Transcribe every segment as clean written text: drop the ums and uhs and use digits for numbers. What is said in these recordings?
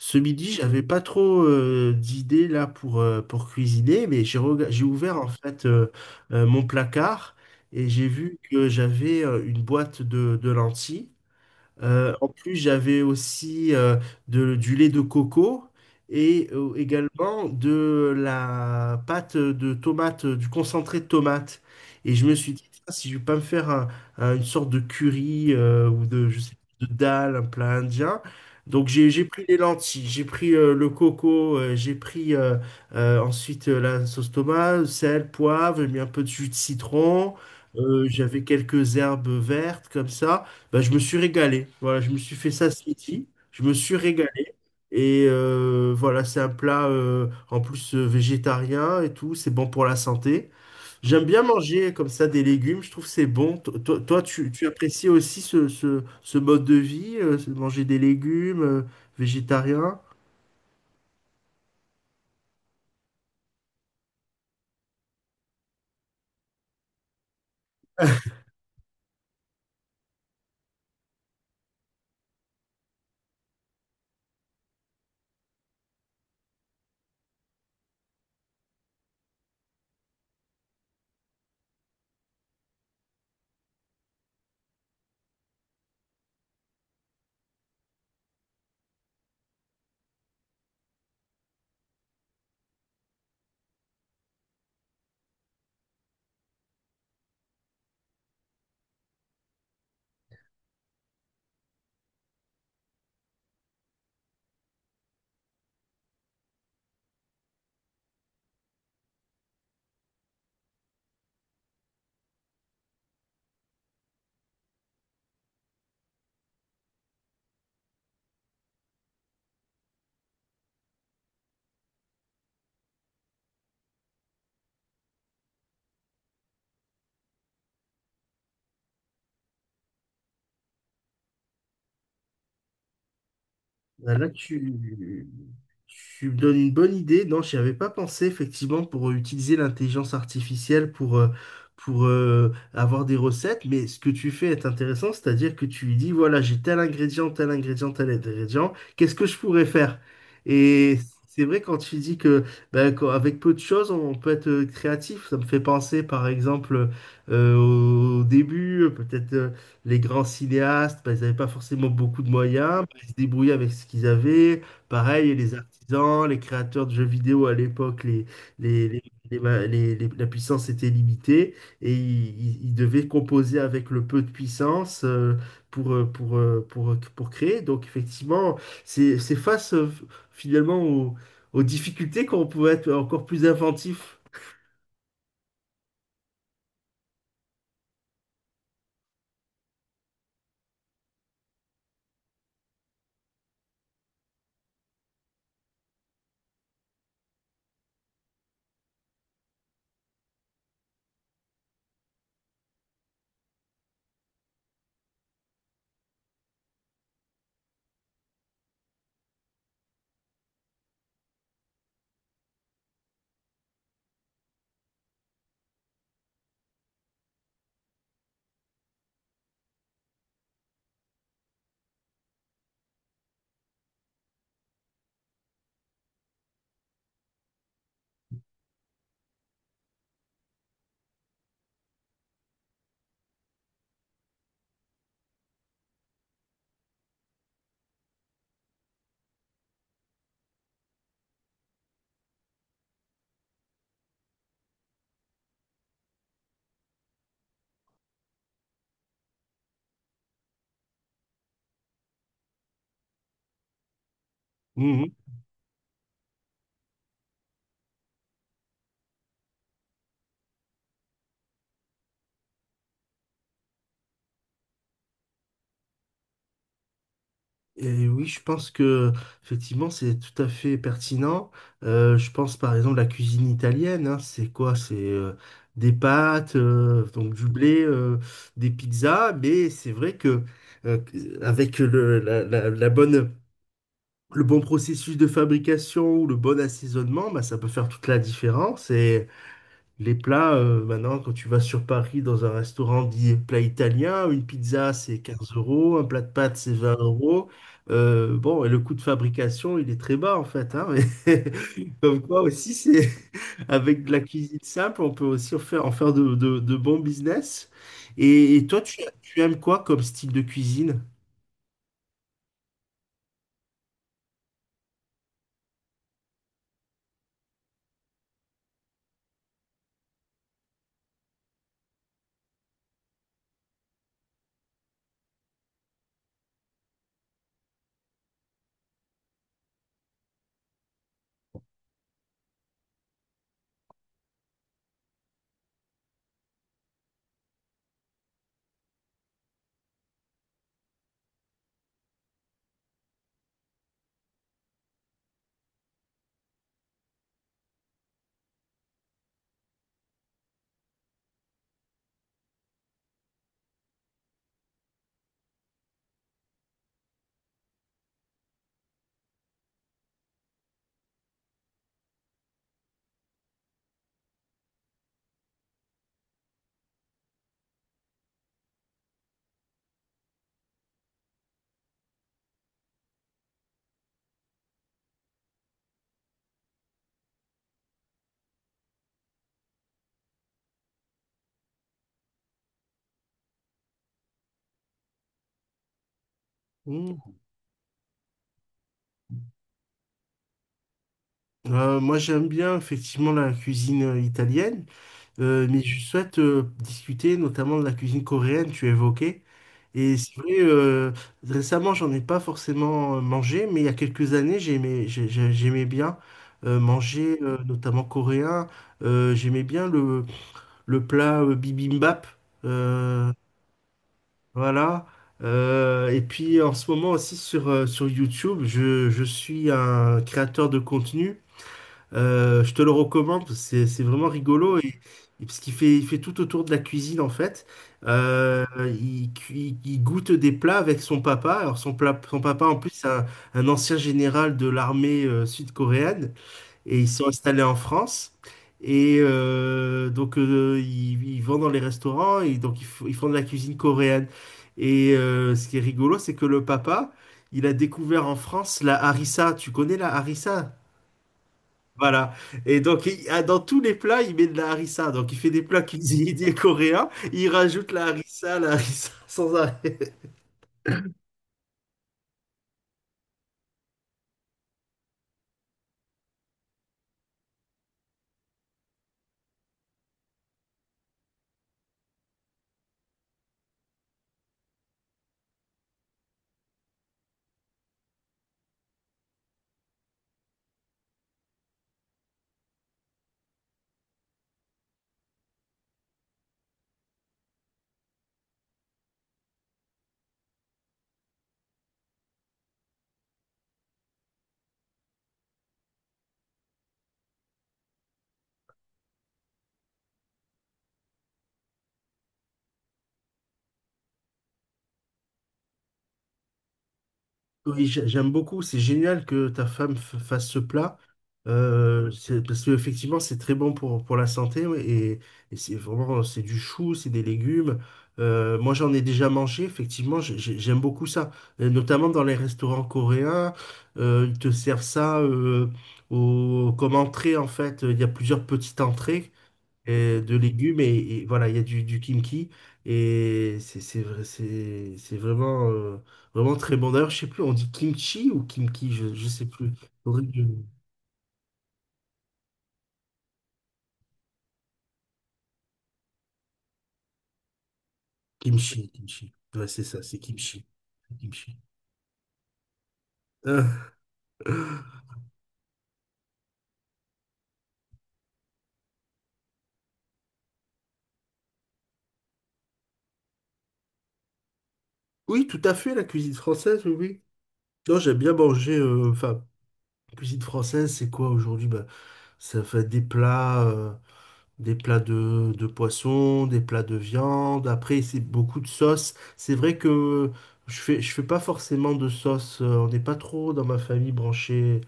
Ce midi, j'avais pas trop d'idées là pour cuisiner, mais j'ai ouvert en fait mon placard et j'ai vu que j'avais une boîte de lentilles. En plus, j'avais aussi du lait de coco et également de la pâte de tomate, du concentré de tomate. Et je me suis dit, tiens, si je vais pas me faire une sorte de curry ou de, je sais pas, de dal, un plat indien. Donc j'ai pris les lentilles, j'ai pris le coco, j'ai pris ensuite la sauce tomate, sel, poivre, j'ai mis un peu de jus de citron, j'avais quelques herbes vertes comme ça. Bah, je me suis régalé. Voilà, je me suis fait ça ce midi. Je me suis régalé. Et voilà, c'est un plat en plus végétarien et tout. C'est bon pour la santé. J'aime bien manger comme ça des légumes. Je trouve que c'est bon. Toi, tu apprécies aussi ce mode de vie, manger des légumes, végétariens. Bah, là, tu me donnes une bonne idée. Non, j'y avais pas pensé, effectivement, pour utiliser l'intelligence artificielle pour avoir des recettes. Mais ce que tu fais est intéressant, c'est-à-dire que tu lui dis, voilà, j'ai tel ingrédient, tel ingrédient, tel ingrédient, qu'est-ce que je pourrais faire? Et c'est vrai quand tu dis que bah, quand- avec peu de choses, on peut être créatif. Ça me fait penser, par exemple, au début, peut-être, les grands cinéastes, bah, ils n'avaient pas forcément beaucoup de moyens, bah, ils se débrouillaient avec ce qu'ils avaient. Pareil, les artisans, les créateurs de jeux vidéo à l'époque, les, les- les ma- les- la puissance était limitée et ils devaient composer avec le peu de puissance pour, pour créer. Donc effectivement, c'est face finalement aux difficultés qu'on pouvait être encore plus inventif. Mhm. Et oui, je pense que effectivement c'est tout à fait pertinent. Je pense par exemple la cuisine italienne, hein, c'est quoi? C'est des pâtes, donc du blé, des pizzas, mais c'est vrai que euh, avec la bonne, le bon processus de fabrication ou le bon assaisonnement, bah, ça peut faire toute la différence. Les plats, maintenant, quand tu vas sur Paris dans un restaurant dit plat italien, une pizza c'est 15 euros, un plat de pâtes c'est 20 euros. Bon, et le coût de fabrication, il est très bas en fait, hein, mais comme quoi aussi, c'est avec de la cuisine simple, on peut aussi en faire de bons business. Et toi, tu aimes quoi comme style de cuisine? Hmm. Moi, j'aime bien effectivement la cuisine italienne. Mais je souhaite discuter notamment de la cuisine coréenne, tu évoquais. Et c'est vrai, récemment, j'en ai pas forcément mangé, mais il y a quelques années, j'aimais bien manger, notamment coréen. J'aimais bien le plat bibimbap. Euh, voilà. Et puis en ce moment aussi sur YouTube, je suis un créateur de contenu je te le recommande, parce que c'est vraiment rigolo et parce il fait tout autour de la cuisine en fait. Euh, il il goûte des plats avec son papa. Alors son papa en plus c'est un ancien général de l'armée sud-coréenne et ils sont installés en France. Et donc ils, ils vont dans les restaurants et donc ils font de la cuisine coréenne. Et ce qui est rigolo, c'est que le papa, il a découvert en France la harissa. Tu connais la harissa? Voilà. Et donc, il- ah, dans tous les plats, il met de la harissa. Donc, il fait des plats cuisinés coréens. Il rajoute la harissa sans arrêt. Oui, j'aime beaucoup. C'est génial que ta femme fasse ce plat. C'est- parce qu'effectivement, c'est très bon pour la santé, ouais. Et c'est vraiment, c'est du chou, c'est des légumes. Moi, j'en ai déjà mangé. Effectivement, j'aime beaucoup ça. Et notamment dans les restaurants coréens. Euh, ils te servent ça, au- comme entrée, en fait, il y a plusieurs petites entrées de légumes et voilà, il y a du kimchi et c'est vraiment, vraiment très bon. D'ailleurs, je sais plus, on dit kimchi ou kimchi, je sais plus. Faudrait que je- Kimchi, kimchi. Ouais, c'est ça, c'est kimchi. Kimchi. Euh, oui, tout à fait, la cuisine française, oui, oui. Non, j'aime bien manger, enfin, cuisine française, c'est quoi aujourd'hui? Bah, ça fait des plats, des plats de poisson, des plats de viande. Après, c'est beaucoup de sauces. C'est vrai que je fais pas forcément de sauce. On n'est pas trop dans ma famille branché,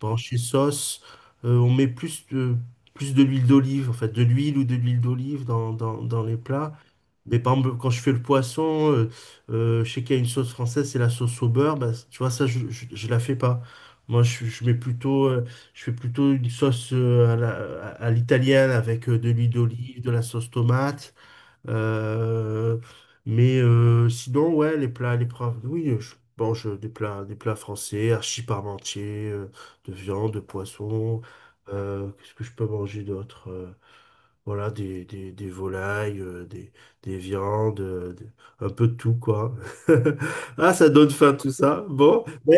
branché sauce. On met plus de l'huile d'olive, en fait, de l'huile ou de l'huile d'olive dans les plats. Mais par exemple, quand je fais le poisson, je sais qu'il y a une sauce française, c'est la sauce au beurre. Bah, tu vois, ça, je la fais pas. Moi, je mets plutôt, je fais plutôt une sauce à l'italienne avec de l'huile d'olive, de la sauce tomate. Euh, mais sinon, ouais, les plats, oui, je mange des plats français, archi parmentier, de viande, de poisson. Qu'est-ce que je peux manger d'autre, euh? Voilà, des volailles, des viandes, des- un peu de tout, quoi. Ah, ça donne faim tout ça. Bon, ben,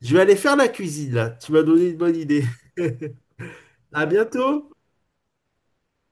je vais aller faire la cuisine, là. Tu m'as donné une bonne idée. À bientôt!